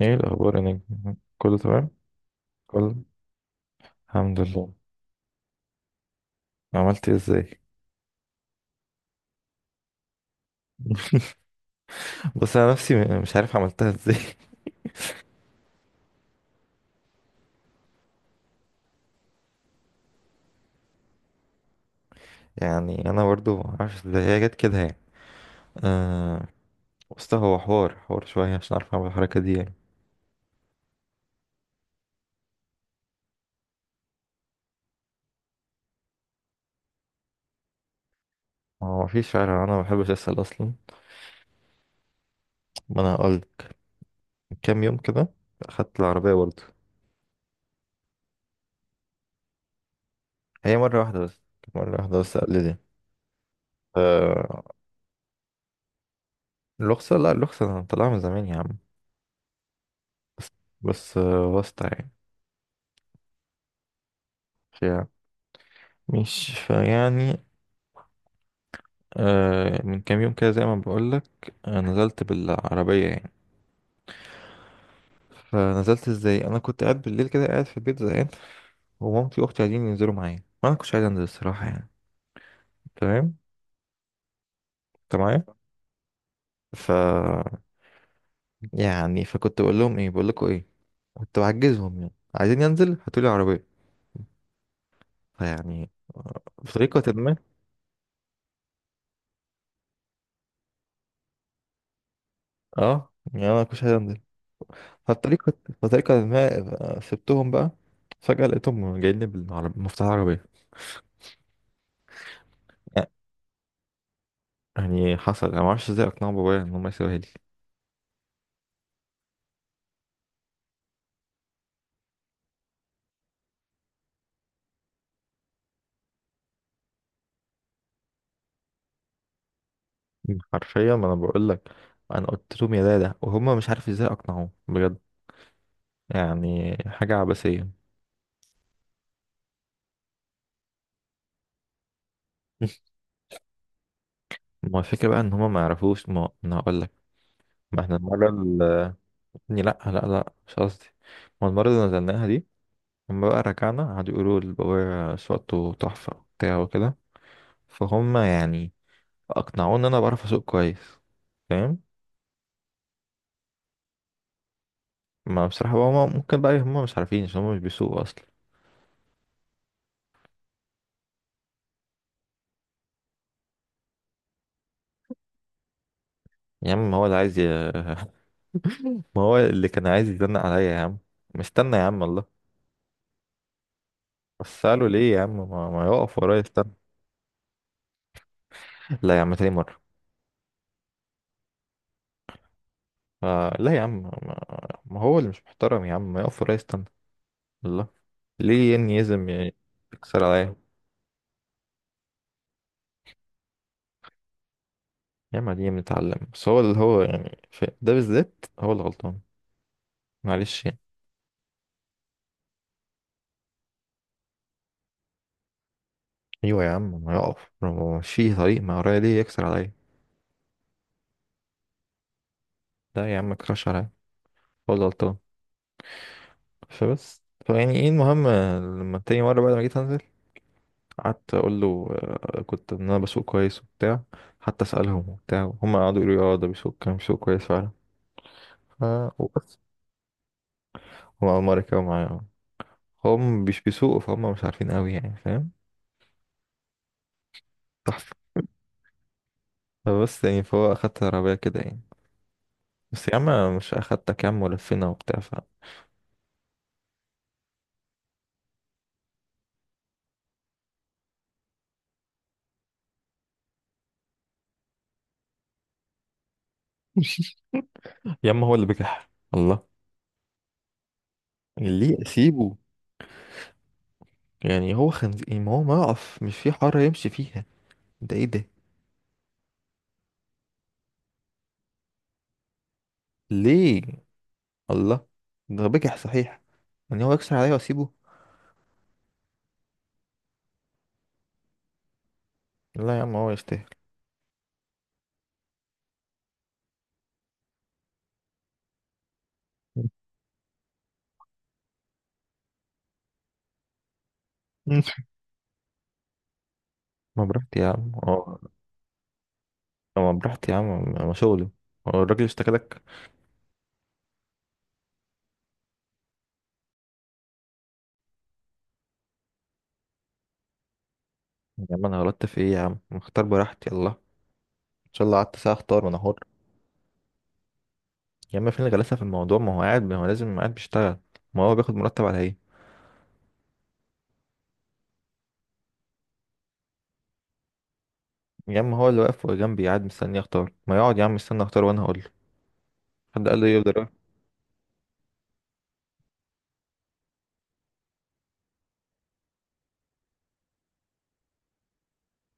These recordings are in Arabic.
ايه الاخبار يا نجم، كله تمام؟ كله، الحمد لله. عملت إيه؟ ازاي؟ بص، انا نفسي مش عارف عملتها ازاي. يعني انا برضو ما اعرفش ازاي هي جت كده، يعني. آه. بص، هو حوار شويه عشان اعرف اعمل الحركه دي، يعني. هو ما فيش فعلا، انا ما بحبش اسال اصلا. ما انا هقول، كام يوم كده اخدت العربيه برضو. هي مره واحده بس، كانت مره واحده بس، قلت. آه. الرخصه، لا، الرخصه انا طالعها من زمان يا عم. بس بس واسطه، يعني. فيعني. آه، من كام يوم كده زي ما بقولك، نزلت بالعربية، يعني. فنزلت ازاي، أنا كنت قاعد بالليل كده، قاعد في البيت زهقان. ومامتي وأختي عايزين ينزلوا معايا، وأنا مكنتش عايز أنزل الصراحة، يعني. تمام؟ أنت معايا؟ ف يعني، فكنت بقول لهم إيه بقول لكم إيه. كنت بعجزهم، يعني عايزين ينزل، هاتولي عربية. فيعني بطريقة ما. اه، يعني أنا مكنتش عايز أنزل. فبطريقة بطريقة ما. آه، سبتهم بقى. فجأة لقيتهم جايين لي بالعربية، مفتاح العربية. يعني حصل، انا ما اعرفش ازاي اقنع بابايا ان هم يسيبوها لي. مم. حرفيا، ما انا بقول لك. انا قلت لهم يا دادا، وهم مش عارف ازاي اقنعوه بجد. يعني حاجه عبثيه. ما هو الفكره بقى ان هم ما يعرفوش، ما انا هقول لك. ما احنا المره إني، لا، لا، لا، مش قصدي. ما المره اللي نزلناها دي، هم بقى رجعنا قعدوا يقولوا لبابايا صوته تحفه وبتاع وكده. فهم يعني، اقنعوني ان انا بعرف اسوق كويس. فاهم؟ ما بصراحه بقى، هم ممكن، بقى هم مش عارفين عشان هم مش بيسوقوا اصلا. يا عم هو اللي عايز ما هو اللي كان عايز يزنق عليا يا عم، مستنى يا عم، الله. بس قالوا ليه يا عم ما يقف ورايا، استنى. لا يا عم، تاني مرة. آه، لا يا عم، ما هو اللي مش محترم، يا عم ما يقف ورايا، استنى. الله. ليه يعني يزم يعني؟ يكسر عليا؟ يا عم دي بنتعلم، بس هو اللي هو يعني في ده بالذات هو اللي غلطان. معلش يعني. ايوه يا عم، ما يقف، ما هو ماشي طريق ما ورايا، ليه يكسر عليا؟ لا يا عم، ما يكسرش عليا. هو اللي غلطان. فبس فيعني ايه، المهم. لما تاني مرة بعد ما جيت هنزل، قعدت اقول له كنت ان انا بسوق كويس وبتاع. حتى اسالهم وبتاع، هم قعدوا يقولوا لي اه، ده كان بيسوق كويس فعلا. ف وبس. هم اول مره يركبوا معايا، آه. هم مش بيسوقوا، فهم مش عارفين قوي، يعني، فاهم؟ تحفه. فبس يعني، فهو اخدت العربيه كده، يعني. بس يا عم، مش اخدتك يا عم ولفينا وبتاع ف. يا عم، هو اللي بجح، الله. ليه اسيبه؟ يعني هو خنزير، ما هو ما يقف مش في حاره يمشي فيها. ده ايه ده؟ ليه؟ الله. ده بجح صحيح. يعني هو يكسر عليا واسيبه؟ لا يا عم، هو يستاهل. ما براحتي يا عم، اه. ما براحتي يا عم. ما شغلي. هو الراجل اشتكى لك؟ يا عم، انا غلطت في ايه يا عم؟ اختار براحتي، يلا، ان شاء الله قعدت ساعه اختار، وانا حر. يا عم فين الغلاسه في الموضوع؟ ما هو لازم قاعد بيشتغل. ما هو بياخد مرتب على ايه؟ يا عم هو اللي واقف جنبي قاعد مستني اختار، ما يقعد يا عم مستني اختار وانا هقول له. حد قال له ايه يقدر؟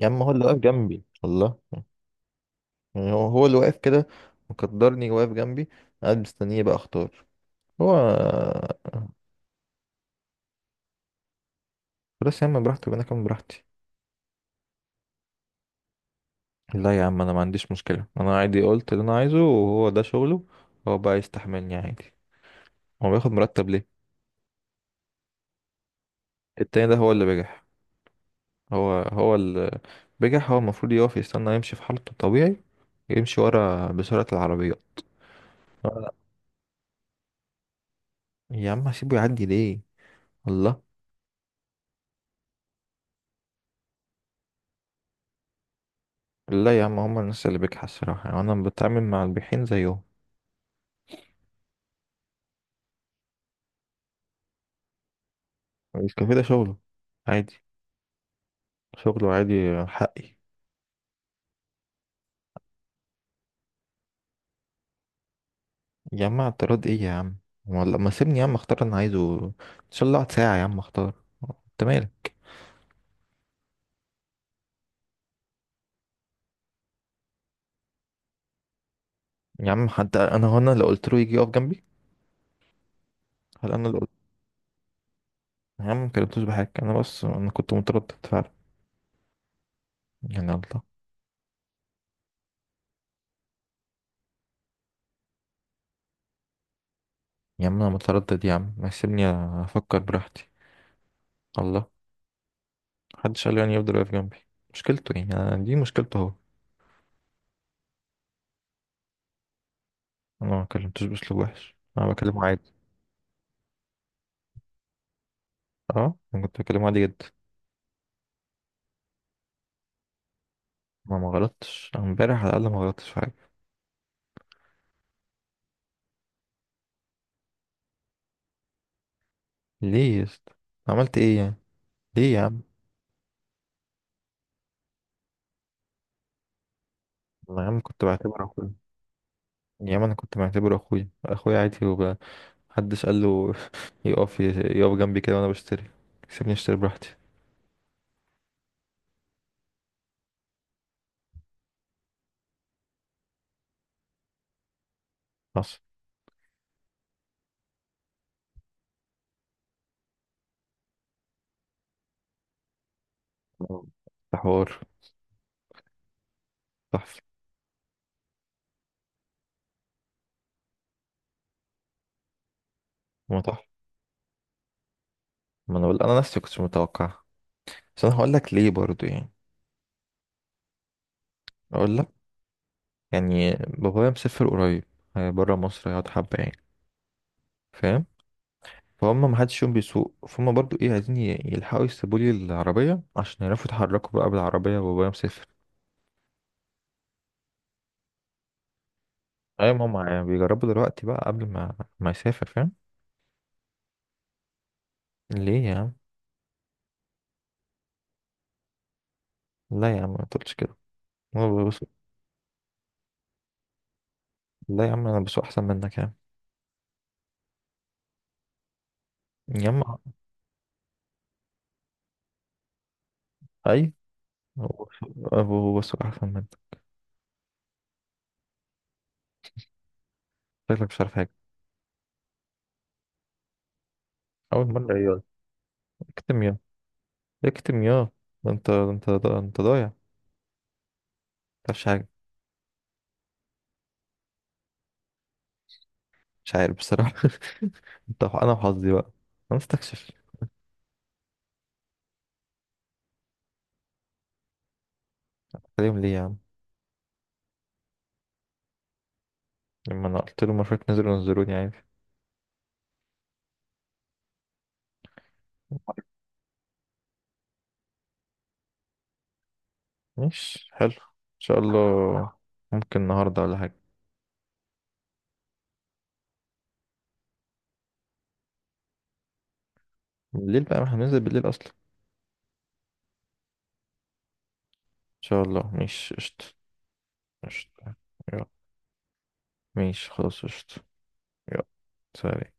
يا عم هو اللي واقف جنبي، الله. يعني هو اللي واقف كده، مقدرني واقف جنبي، قاعد مستنيه بقى اختار. هو. بس يا عم براحته، انا كمان براحتي. لا يا عم، انا ما عنديش مشكلة، انا عادي قلت اللي انا عايزه، وهو ده شغله. هو بقى يستحملني عادي. هو بياخد مرتب ليه؟ التاني ده هو اللي بجح. هو اللي بجح. هو المفروض يقف يستنى يمشي في حالته الطبيعي، يمشي ورا بسرعة العربيات. لا. يا عم هسيبه يعدي ليه؟ والله. لا يا عم، هما الناس اللي بجحة الصراحة، يعني انا بتعامل مع البيحين زيهم. الكافيه ده شغله عادي، شغله عادي، حقي. يا عم اعتراض ايه يا عم؟ ولا ما سيبني يا عم اختار اللي انا عايزه، ان شاء الله اقعد ساعة يا عم اختار. انت مالك؟ يا عم حتى انا هو انا لو قلت له يجي يقف جنبي، هل انا اللي قلت؟ يا عم، ما كلمتوش بحاجة، انا بس انا كنت متردد فعلا، يعني، الله. يا عم انا متردد يا عم، ما سيبني افكر براحتي، الله. محدش قال لي يعني يفضل واقف جنبي. مشكلته، يعني دي مشكلته هو. انا ما كلمتوش باسلوب وحش، انا بكلمه عادي. اه، انا كنت بكلمه عادي جدا. ما غلطتش أنا امبارح، على الاقل ما غلطتش في حاجة. ليه يا اسطى؟ عملت ايه يعني؟ ليه يا عم؟ أنا يا عم كنت بعتبره أخويا. يا عم أنا كنت بعتبره أخويا، أخويا عادي محدش قال له يقف يقف جنبي كده وأنا بشتري. سيبني أشتري براحتي. حصل. ده حوار. تحفة. ما تحفة. ما أنا بقول، أنا نفسي كنتش متوقع. بس أنا هقول لك ليه برضو، يعني. أقول لك. يعني بابايا مسافر قريب، بره مصر، هيقعد حبة يعني. فاهم؟ فهم ما حدش فيهم بيسوق، فهم برضو ايه، عايزين يلحقوا يسيبوا لي العربية عشان يعرفوا يتحركوا بقى بالعربية، وبابايا مسافر. ايوه، ما هم يعني بيجربوا دلوقتي بقى قبل ما يسافر، فاهم؟ ليه يا عم؟ لا يا عم، ما تقولش كده. هو، بص. لا يا عم، انا بسوق احسن منك يا عم. يا عم. اي. هو هو بسوق احسن منك. شكلك مش عارف حاجه. اول مره، يا. اكتم يا. اكتم يا. ده انت، ده انت، ده انت ضايع، ما تعرفش حاجه. مش عارف بصراحه. انت انا وحظي بقى. انا مستكشف. عليهم ليه يا عم؟ لما انا قلت له مرة نزلوني عادي. مش حلو، ان شاء الله. ممكن النهارده ولا حاجه؟ بالليل بقى، ما احنا بننزل بالليل اصلا. شاء الله، مش قشطة. قشطة، يلا. ماشي خلاص قشطة. يلا. سلام.